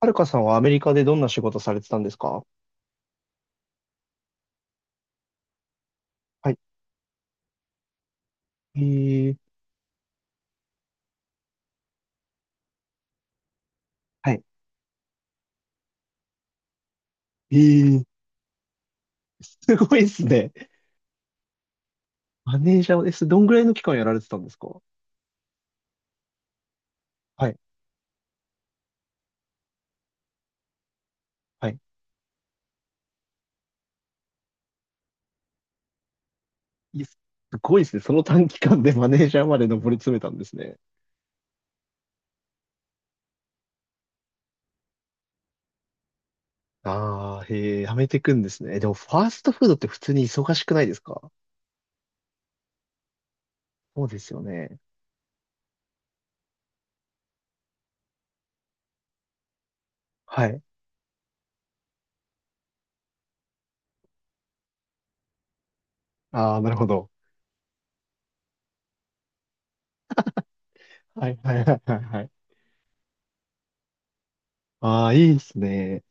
はるかさんはアメリカでどんな仕事されてたんですか？はい。えー、はい。えー、すごいですね。マネージャーです。どんぐらいの期間やられてたんですか？はい。はい。いやすごいですね。その短期間で マネージャーまで上り詰めたんですね。ああ、へえ、やめてくんですね。でも、ファーストフードって普通に忙しくないですか？そうですよね。はい。ああ、なるほど。はい、はい、はい、はい。はい。ああ、いいですね。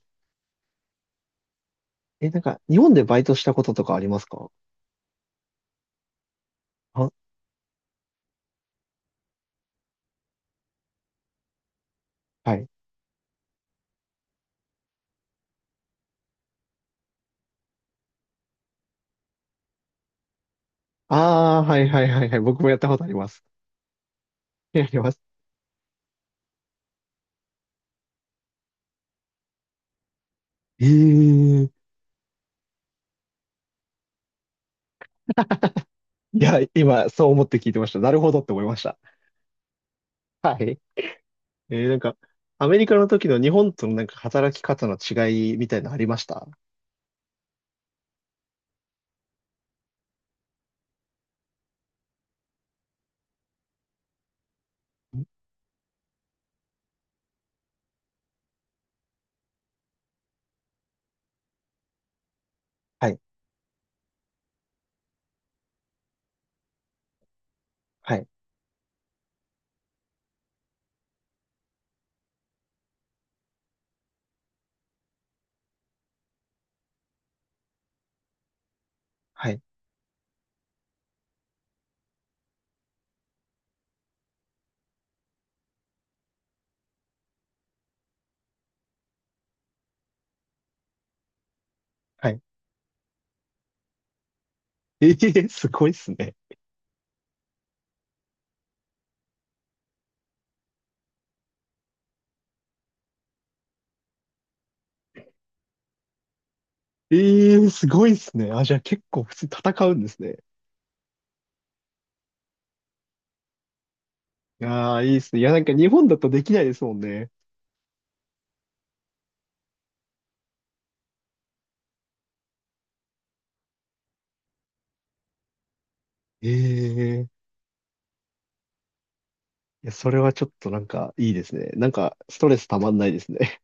え、なんか、日本でバイトしたこととかありますか？あ、はい。ああ、はいはいはいはい。僕もやったことあります。やります。ええー、いや、今、そう思って聞いてました。なるほどって思いました。はい。なんか、アメリカの時の日本とのなんか働き方の違いみたいなのありました？はい、はい、はい、はい。ええー、すごいっすね。ええー、すごいっすね。あ、じゃあ結構普通に戦うんですね。いやー、いいっすね。いや、なんか日本だとできないですもんね。ええー、いや、それはちょっとなんかいいですね。なんか、ストレスたまんないですね。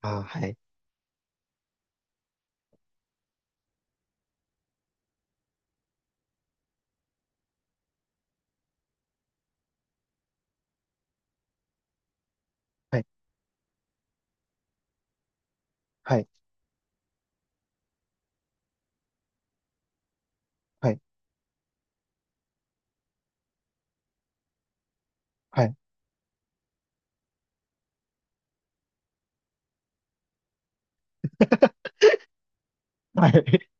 あー、はい。はいはいはい。はい。はい。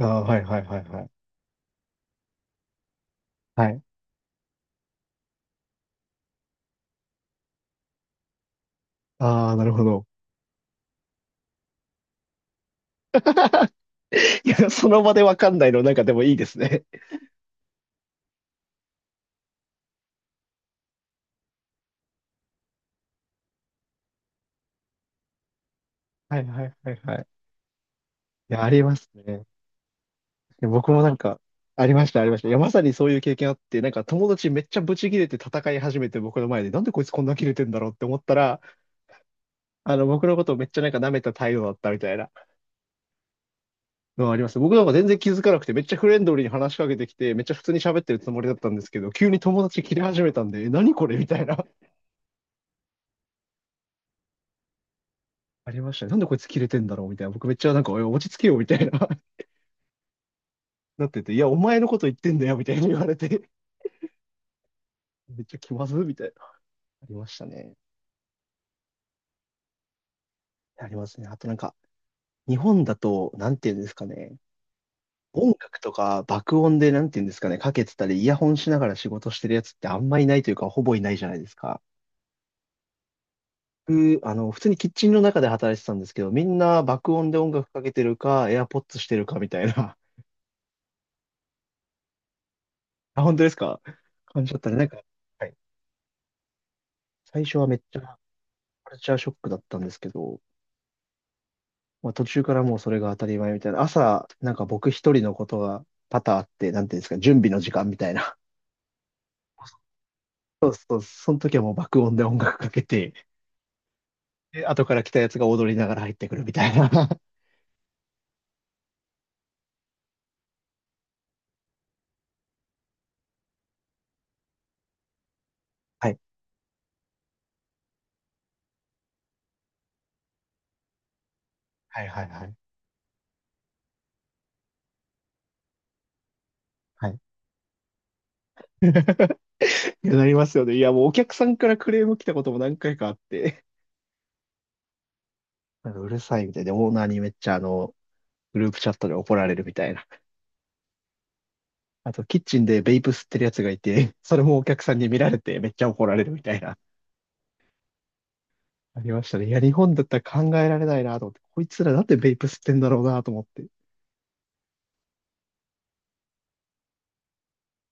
ああ、はい、はい、はい、はい。はい。ああ、なるほど。いや、その場でわかんないの、なんかでもいいですね。はい、はい、はい、はい。いや、ありますね。僕もなんか、ありました、ありました。いや、まさにそういう経験あって、なんか友達めっちゃブチ切れて戦い始めて僕の前で、なんでこいつこんな切れてんだろうって思ったら、僕のことをめっちゃなんか舐めた態度だったみたいなのはあります。僕なんか全然気づかなくて、めっちゃフレンドリーに話しかけてきて、めっちゃ普通に喋ってるつもりだったんですけど、急に友達切れ始めたんで、え何これみたいな。ありましたね。なんでこいつ切れてんだろうみたいな。僕めっちゃなんか、おい落ち着けよみたいな なってて、いや、お前のこと言ってんだよみたいに言われて、めっちゃ気まずみたいな。ありましたね。ありますね。あとなんか、日本だと、なんていうんですかね。音楽とか爆音でなんていうんですかね、かけてたり、イヤホンしながら仕事してるやつってあんまいないというか、ほぼいないじゃないですか。僕、普通にキッチンの中で働いてたんですけど、みんな爆音で音楽かけてるか、AirPods してるかみたいな。あ、本当ですか？感じだったら、なんか、はい。最初はめっちゃ、カルチャーショックだったんですけど、まあ、途中からもうそれが当たり前みたいな、朝、なんか僕一人のことが多々あって、なんていうんですか、準備の時間みたいな。そう、その時はもう爆音で音楽かけて、で、後から来たやつが踊りながら入ってくるみたいな。はい。はいはいはい。はい。いや、なりますよね。いや、もうお客さんからクレーム来たことも何回かあって、なんかうるさいみたいで、オーナーにめっちゃグループチャットで怒られるみたいな。あと、キッチンでベイプ吸ってるやつがいて、それもお客さんに見られてめっちゃ怒られるみたいな。ありましたね。いや、日本だったら考えられないなと思って、こいつらなんでベイプ吸ってんだろうなと思って、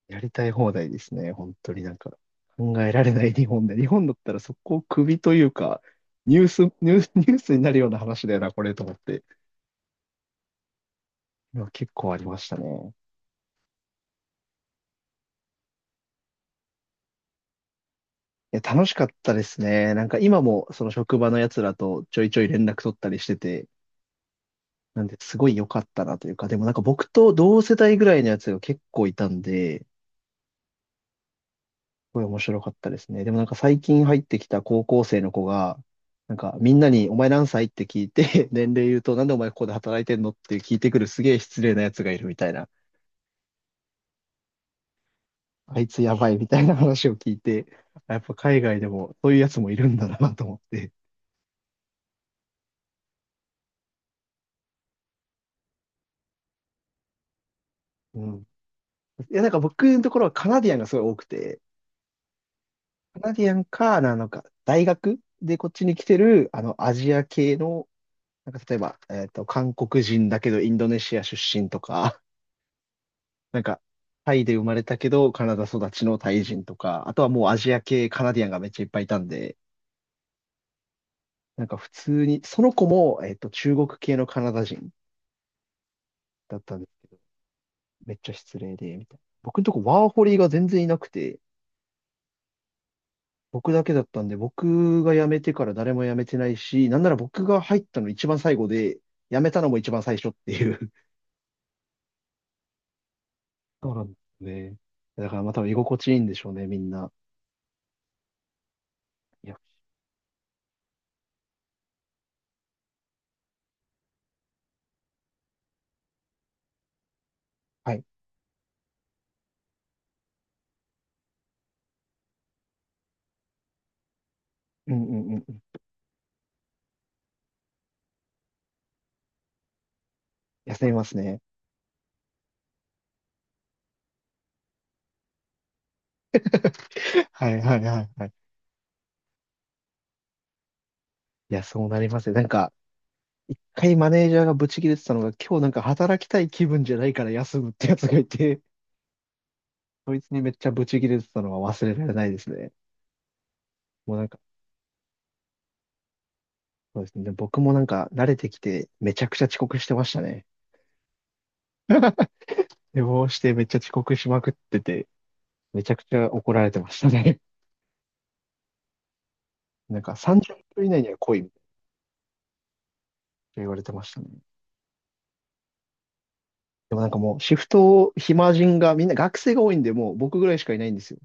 やりたい放題ですね。本当になんか、考えられない日本で。日本だったらそこを首というか、ニュースになるような話だよな、これと思って。いや結構ありましたね。いや、楽しかったですね。なんか今もその職場の奴らとちょいちょい連絡取ったりしてて、なんで、すごい良かったなというか、でもなんか僕と同世代ぐらいのやつが結構いたんで、ごい面白かったですね。でもなんか最近入ってきた高校生の子が、なんかみんなにお前何歳って聞いて、年齢言うとなんでお前ここで働いてんのって聞いてくるすげえ失礼なやつがいるみたいな。あいつやばいみたいな話を聞いて、やっぱ海外でもそういうやつもいるんだなと思って。うん。いやなんか僕のところはカナディアンがすごい多くて、カナディアンか、なのか、大学でこっちに来てる、アジア系の、なんか例えば、韓国人だけどインドネシア出身とか、なんか、タイで生まれたけど、カナダ育ちのタイ人とか、あとはもうアジア系カナディアンがめっちゃいっぱいいたんで、なんか普通に、その子も、中国系のカナダ人だったんですけど、めっちゃ失礼で、みたいな。僕のとこワーホリが全然いなくて、僕だけだったんで、僕が辞めてから誰も辞めてないし、なんなら僕が入ったの一番最後で、辞めたのも一番最初っていう。そうなんですね。だからまあ多分居心地いいんでしょうね、みんな。いや、はい。うんうんうんうん。休みますね。はいはいはいはい。いや、そうなりますね。なんか、一回マネージャーがブチ切れてたのが、今日なんか働きたい気分じゃないから休むってやつがいて、そいつにめっちゃブチ切れてたのは忘れられないですね。もうなんか、そうですね。僕もなんか慣れてきて、めちゃくちゃ遅刻してましたね。寝坊してめっちゃ遅刻しまくってて、めちゃくちゃ怒られてましたね。なんか30分以内には来いみたいな言われてましたね。でもなんかもうシフトを暇人がみんな学生が多いんで、もう僕ぐらいしかいないんですよ。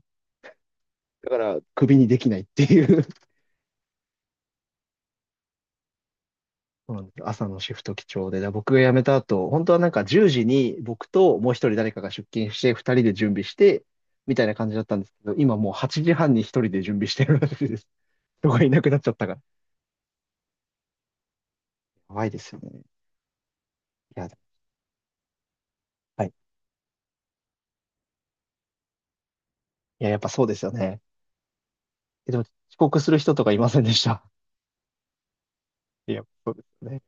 だからクビにできないっていう、そうなんですよ、朝のシフト基調で、だ僕が辞めた後、本当はなんか10時に僕ともう一人誰かが出勤して、2人で準備して、みたいな感じだったんですけど、今もう8時半に一人で準備してるらしいです。人がいなくなっちゃったから。やばいですよね。いや、はい。いや、やっぱそうですよね。え、でも遅刻する人とかいませんでした？いや、そうですよね。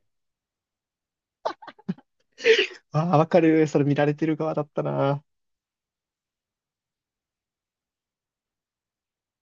ああ、わかる。それ見られてる側だったな。